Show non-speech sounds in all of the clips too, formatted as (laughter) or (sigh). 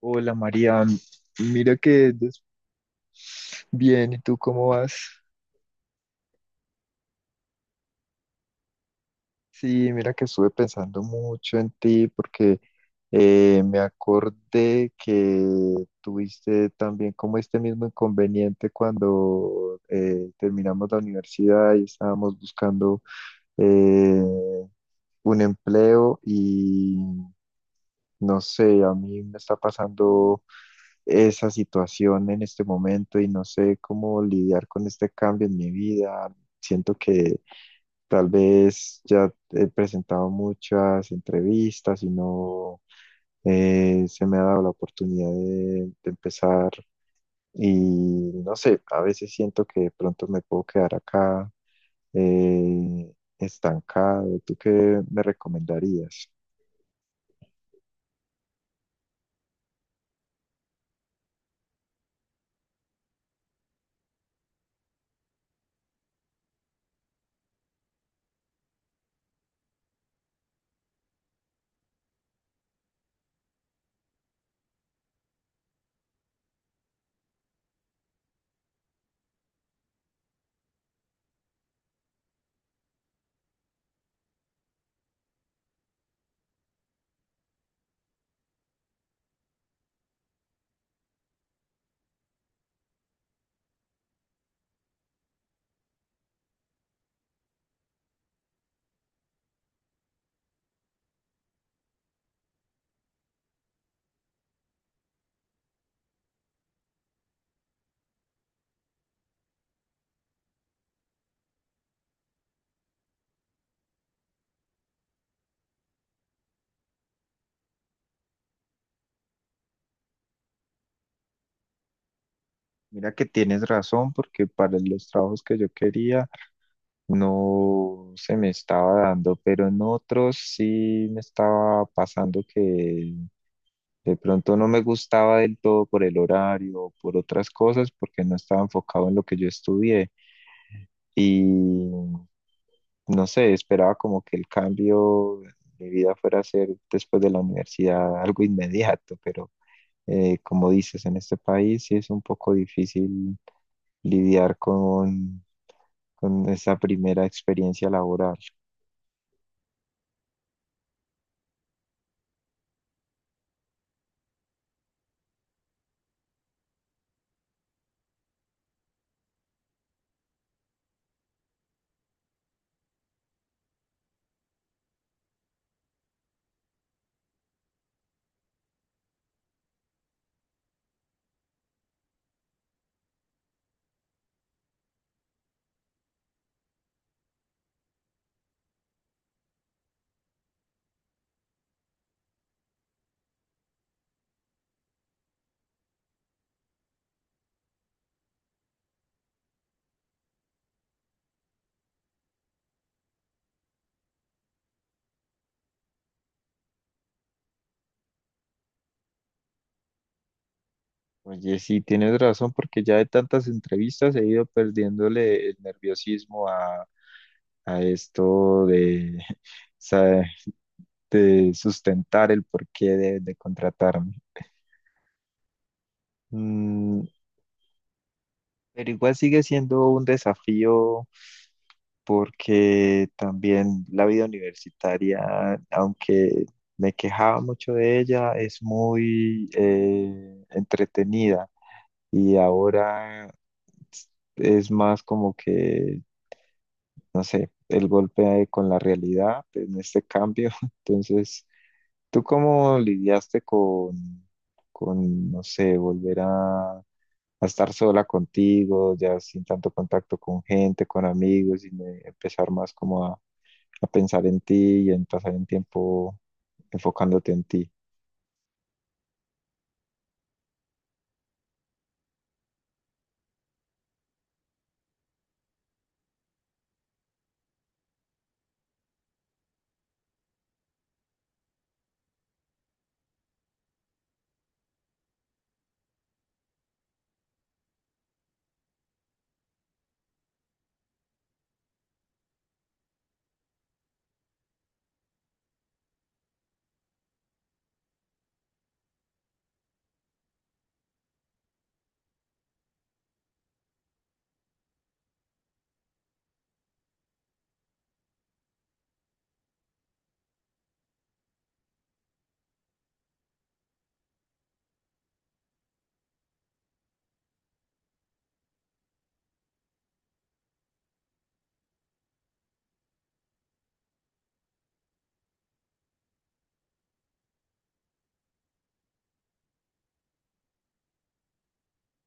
Hola María, mira que bien, ¿y tú cómo vas? Sí, mira que estuve pensando mucho en ti porque me acordé que tuviste también como este mismo inconveniente cuando terminamos la universidad y estábamos buscando eh, un empleo. No sé, a mí me está pasando esa situación en este momento y no sé cómo lidiar con este cambio en mi vida. Siento que tal vez ya he presentado muchas entrevistas y no se me ha dado la oportunidad de empezar y no sé, a veces siento que de pronto me puedo quedar acá eh, estancado. ¿Tú qué me recomendarías? Mira que tienes razón, porque para los trabajos que yo quería no se me estaba dando, pero en otros sí me estaba pasando que de pronto no me gustaba del todo por el horario, por otras cosas, porque no estaba enfocado en lo que yo estudié. Y no sé, esperaba como que el cambio de mi vida fuera a ser después de la universidad algo inmediato, pero como dices, en este país sí es un poco difícil lidiar con esa primera experiencia laboral. Oye, sí, tienes razón, porque ya de tantas entrevistas he ido perdiéndole el nerviosismo a esto de, (laughs) sa- de sustentar el porqué de contratarme. Mm, pero igual sigue siendo un desafío porque también la vida universitaria, aunque me quejaba mucho de ella, es muy entretenida. Y ahora es más como que, no sé, el golpe con la realidad en este cambio. (laughs) Entonces, ¿tú cómo lidiaste con, no sé, volver a estar sola contigo, ya sin tanto contacto con gente, con amigos, y empezar más como a pensar en ti y en pasar el tiempo enfocándote en ti?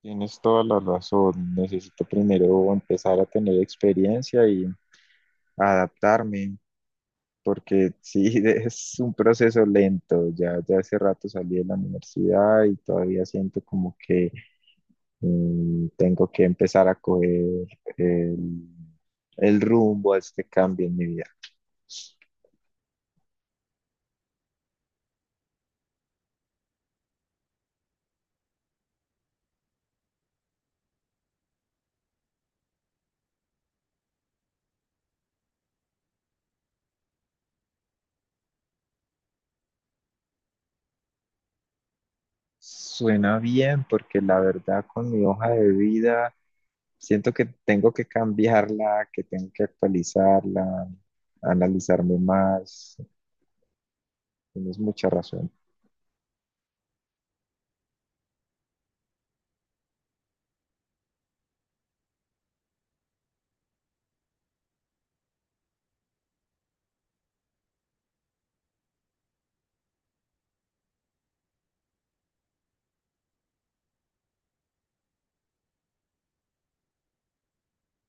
Tienes toda la razón. Necesito primero empezar a tener experiencia y adaptarme. Porque sí, (laughs) es un proceso lento. Ya hace rato salí de la universidad y todavía siento como que tengo que empezar a coger el, el rumbo a este cambio en mi vida. Suena bien porque la verdad con mi hoja de vida siento que tengo que cambiarla, que tengo que actualizarla, analizarme más. Tienes mucha razón.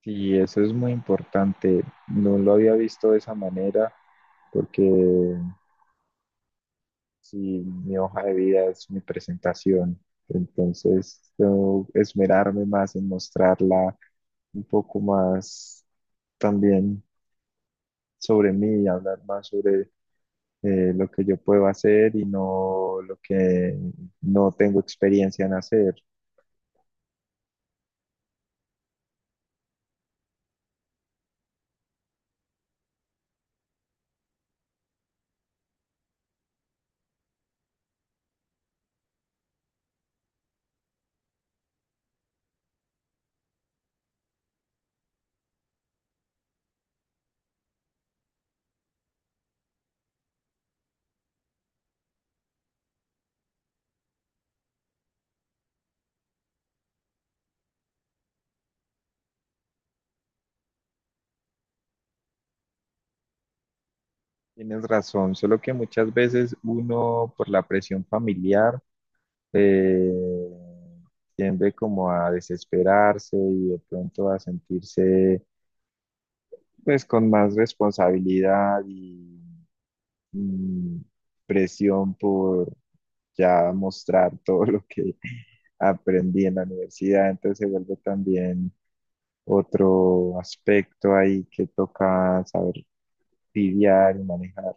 Sí, eso es muy importante. No lo había visto de esa manera porque si mi hoja de vida es mi presentación, entonces tengo que esmerarme más en mostrarla un poco más también sobre mí, y hablar más sobre lo que yo puedo hacer y no lo que no tengo experiencia en hacer. Tienes razón, solo que muchas veces uno por la presión familiar eh, tiende como a desesperarse y de pronto a sentirse pues con más responsabilidad y mm, presión por ya mostrar (laughs) todo lo que (laughs) aprendí en la universidad, entonces se vuelve también otro aspecto ahí que toca saber lidiar y manejar.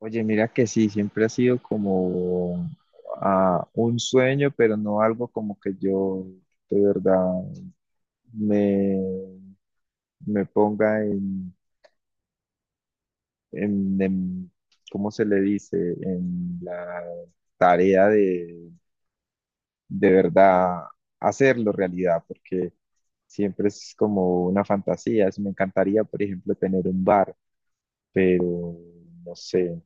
Oye, mira que sí, siempre ha sido como ah, un sueño, pero no algo como que yo de verdad me, me ponga en, en, en- ¿cómo se le dice? En la tarea de verdad hacerlo realidad, porque siempre es como una fantasía. Me encantaría, por ejemplo, tener un bar, pero no sé.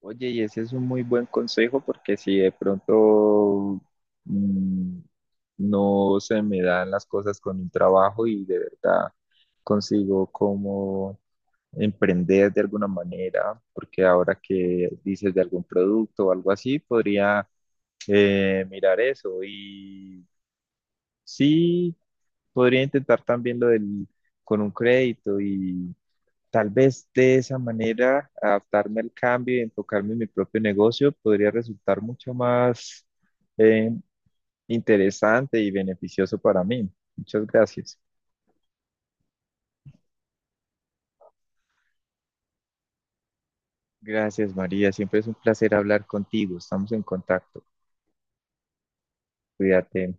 Oye, y ese es un muy buen consejo porque si de pronto mm, no se me dan las cosas con un trabajo y de verdad consigo cómo emprender de alguna manera, porque ahora que dices de algún producto o algo así, podría mirar eso y sí, podría intentar también lo del con un crédito. Tal vez de esa manera, adaptarme al cambio y enfocarme en mi propio negocio podría resultar mucho más eh, interesante y beneficioso para mí. Muchas gracias. Gracias, María. Siempre es un placer hablar contigo. Estamos en contacto. Cuídate.